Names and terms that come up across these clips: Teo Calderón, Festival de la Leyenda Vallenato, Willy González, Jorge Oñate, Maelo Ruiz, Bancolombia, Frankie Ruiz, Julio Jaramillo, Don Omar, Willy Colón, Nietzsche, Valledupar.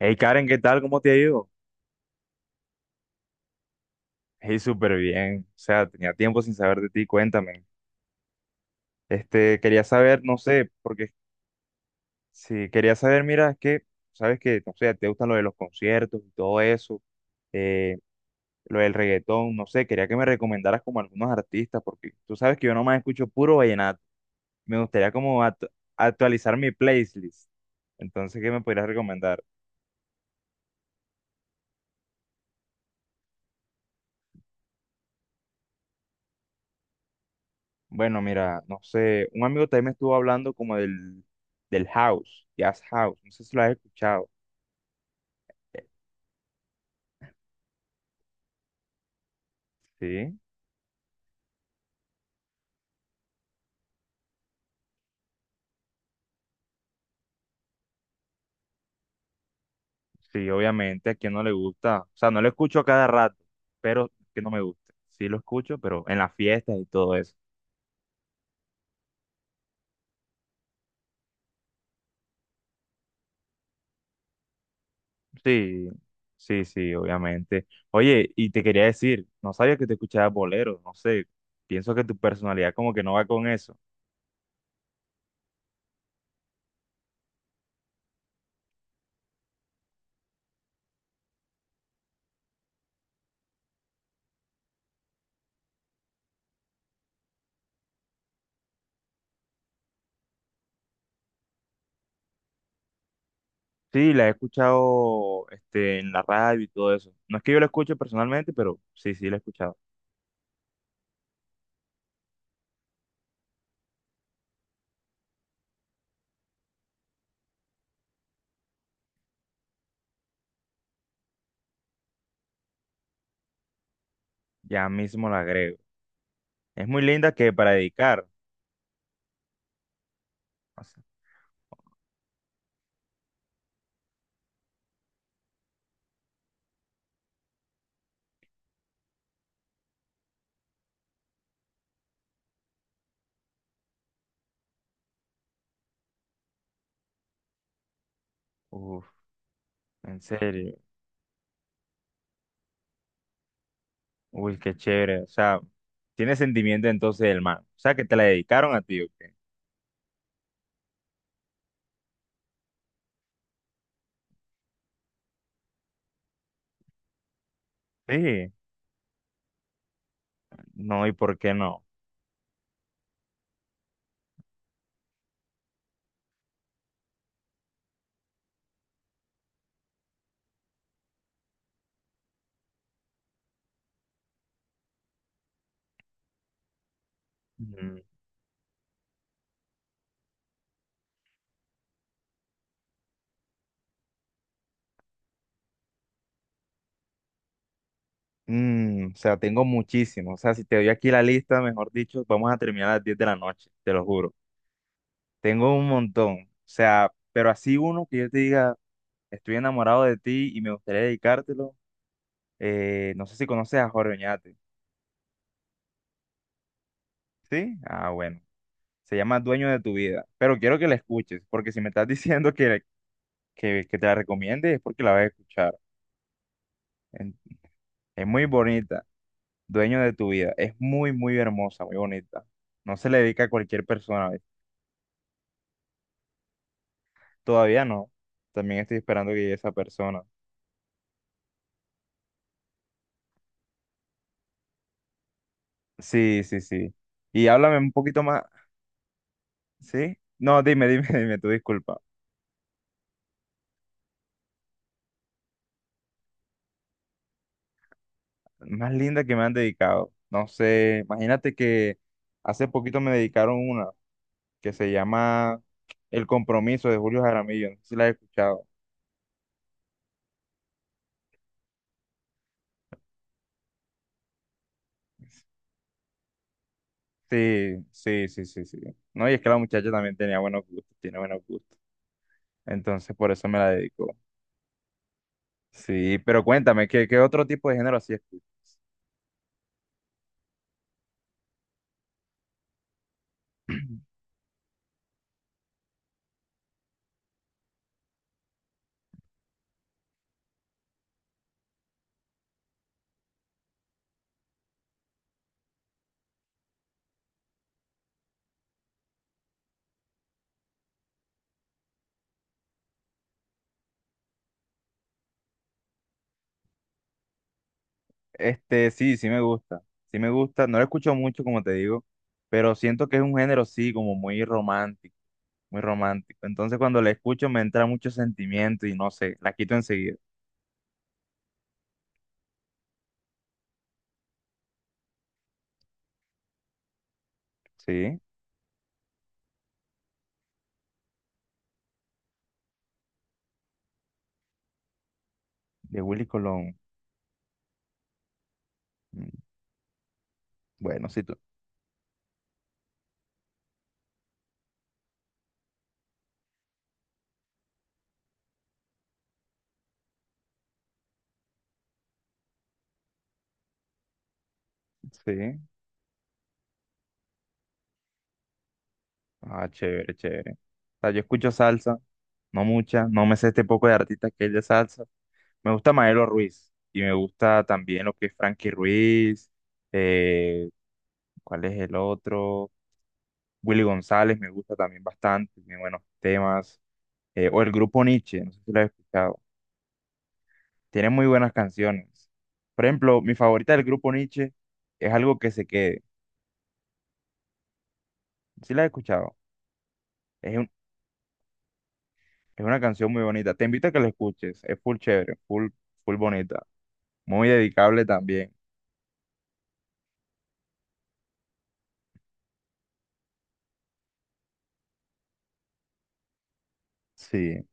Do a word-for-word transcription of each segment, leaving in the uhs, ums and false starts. Hey Karen, ¿qué tal? ¿Cómo te ha ido? Hey, súper bien. O sea, tenía tiempo sin saber de ti, cuéntame. Este, quería saber, no sé, porque si quería saber, mira, es que, sabes que, no sé, te gustan lo de los conciertos y todo eso, eh, lo del reggaetón, no sé, quería que me recomendaras como algunos artistas, porque tú sabes que yo nomás escucho puro vallenato. Me gustaría como actu- actualizar mi playlist. Entonces, ¿qué me podrías recomendar? Bueno, mira, no sé, un amigo también me estuvo hablando como del, del house, jazz house, no sé si lo has escuchado. Eh, Sí, sí, obviamente, a quien no le gusta, o sea, no lo escucho a cada rato, pero que no me gusta. Sí lo escucho, pero en las fiestas y todo eso. Sí, sí, sí, obviamente. Oye, y te quería decir, no sabía que te escuchabas bolero, no sé, pienso que tu personalidad como que no va con eso. Sí, la he escuchado este, en la radio y todo eso. No es que yo la escuche personalmente, pero sí, sí, la he escuchado. Ya mismo la agrego. Es muy linda que para dedicar. O sea, uf, en serio. Uy, qué chévere. O sea, tiene sentimiento entonces el man. O sea, ¿que te la dedicaron a ti, o qué? Sí. No, ¿y por qué no? Mm, mm, o sea, tengo muchísimo. O sea, si te doy aquí la lista, mejor dicho, vamos a terminar a las diez de la noche, te lo juro. Tengo un montón. O sea, pero así uno que yo te diga, estoy enamorado de ti y me gustaría dedicártelo. Eh, no sé si conoces a Jorge Oñate. ¿Sí? Ah, bueno. Se llama Dueño de tu vida. Pero quiero que la escuches, porque si me estás diciendo que, que, que te la recomiende es porque la vas a escuchar. En- Es muy bonita. Dueño de tu vida. Es muy, muy hermosa, muy bonita. No se le dedica a cualquier persona. ¿Ves? Todavía no. También estoy esperando que llegue esa persona. Sí, sí, sí. Y háblame un poquito más. ¿Sí? No, dime, dime, dime, tu disculpa. Más linda que me han dedicado. No sé, imagínate que hace poquito me dedicaron una, que se llama El Compromiso de Julio Jaramillo. No sé si la has escuchado. Sí, sí, sí, sí, sí. No, y es que la muchacha también tenía buenos gustos, tiene buenos gustos. Entonces, por eso me la dedicó. Sí, pero cuéntame, ¿qué, qué otro tipo de género así escuchas? Este, sí, sí me gusta. Sí me gusta. No lo escucho mucho, como te digo, pero siento que es un género, sí, como muy romántico, muy romántico. Entonces, cuando la escucho me entra mucho sentimiento y no sé, la quito enseguida. Sí, de Willy Colón. Mm, bueno, sí, tú. Sí. Ah, chévere, chévere. O sea, yo escucho salsa, no mucha, no me sé este poco de artistas que es de salsa. Me gusta Maelo Ruiz y me gusta también lo que es Frankie Ruiz, eh, ¿cuál es el otro? Willy González me gusta también bastante, tiene buenos temas. Eh, o el grupo Nietzsche, no sé si lo has escuchado. Tiene muy buenas canciones. Por ejemplo, mi favorita del grupo Nietzsche es algo que se quede. ¿Sí la has escuchado? Es Es una canción muy bonita. Te invito a que la escuches. Es full chévere, full, full bonita. Muy dedicable también. Sí,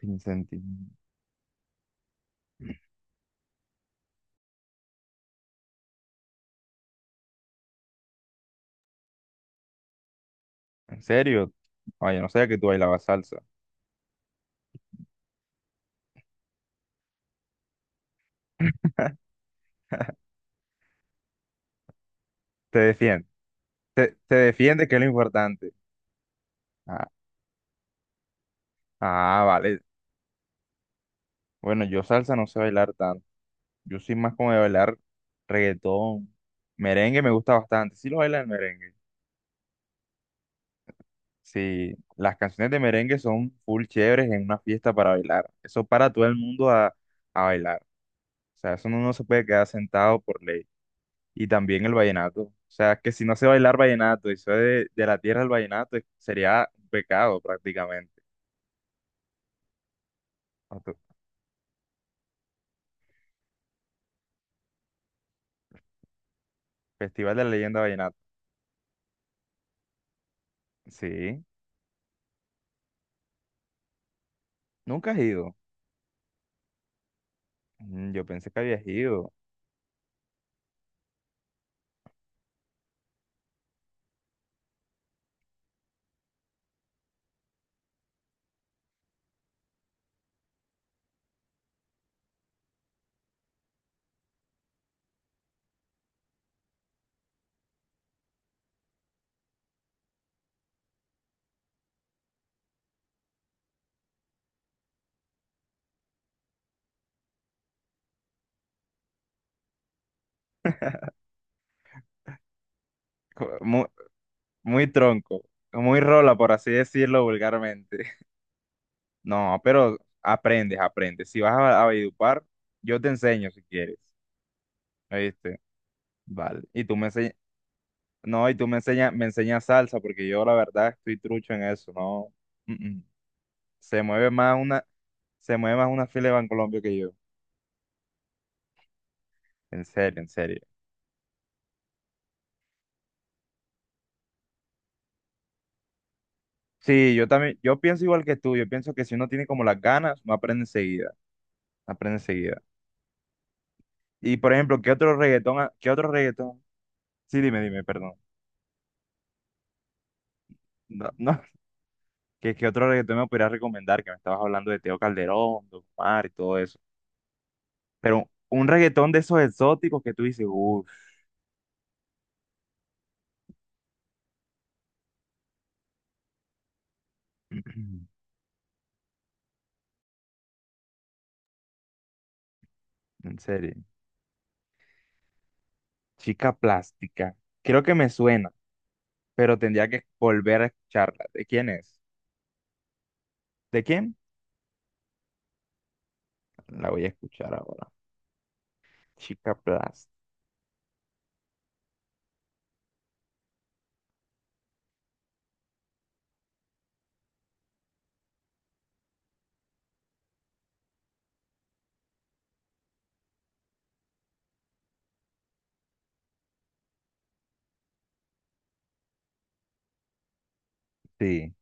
sin sentido. ¿En serio? Oye, no sabía que tú bailabas salsa. Te defiende. Te, te defiende, que es lo importante. Ah, ah, vale. Bueno, yo salsa no sé bailar tanto. Yo soy más como de bailar reggaetón. Merengue me gusta bastante. Sí lo baila el merengue. Sí, las canciones de merengue son full chéveres en una fiesta para bailar. Eso para todo el mundo a, a bailar. O sea, eso no, no se puede quedar sentado por ley. Y también el vallenato. O sea, que si no sé bailar vallenato y soy de, de la tierra del vallenato, es- sería un pecado prácticamente. Otro- Festival de la Leyenda Vallenato. Sí, nunca has ido. Mm, yo pensé que habías ido. Co- Muy, muy tronco, muy rola, por así decirlo vulgarmente. No, pero aprendes, aprendes. Si vas a, a Valledupar, yo te enseño si quieres. ¿Viste? Vale. Y tú me enseñas. No, y tú me enseñas, me enseñas salsa, porque yo la verdad estoy trucho en eso, no. Mm, mm. Se mueve más una, se mueve más una fila de Bancolombia que yo. En serio, en serio. Sí, yo también, yo pienso igual que tú, yo pienso que si uno tiene como las ganas, no aprende enseguida, no aprende enseguida. Y por ejemplo, ¿qué otro reggaetón, ha- qué otro reggaetón? Sí, dime, dime, perdón. No, no, ¿qué, qué otro reggaetón me podrías recomendar? Que me estabas hablando de Teo Calderón, Don Omar y todo eso. Pero un reggaetón de esos exóticos que tú dices, uff, en serio. Chica plástica. Creo que me suena, pero tendría que volver a escucharla. ¿De quién es? ¿De quién? La voy a escuchar ahora. Chica plástica. Sí.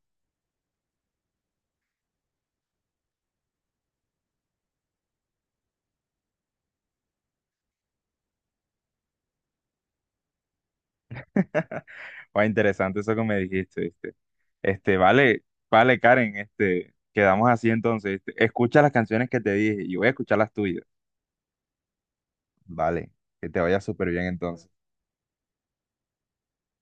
Va interesante eso que me dijiste, ¿viste? Este, vale, vale, Karen, este, quedamos así entonces, ¿viste? Escucha las canciones que te dije y voy a escuchar las tuyas. Vale, que te vaya súper bien entonces.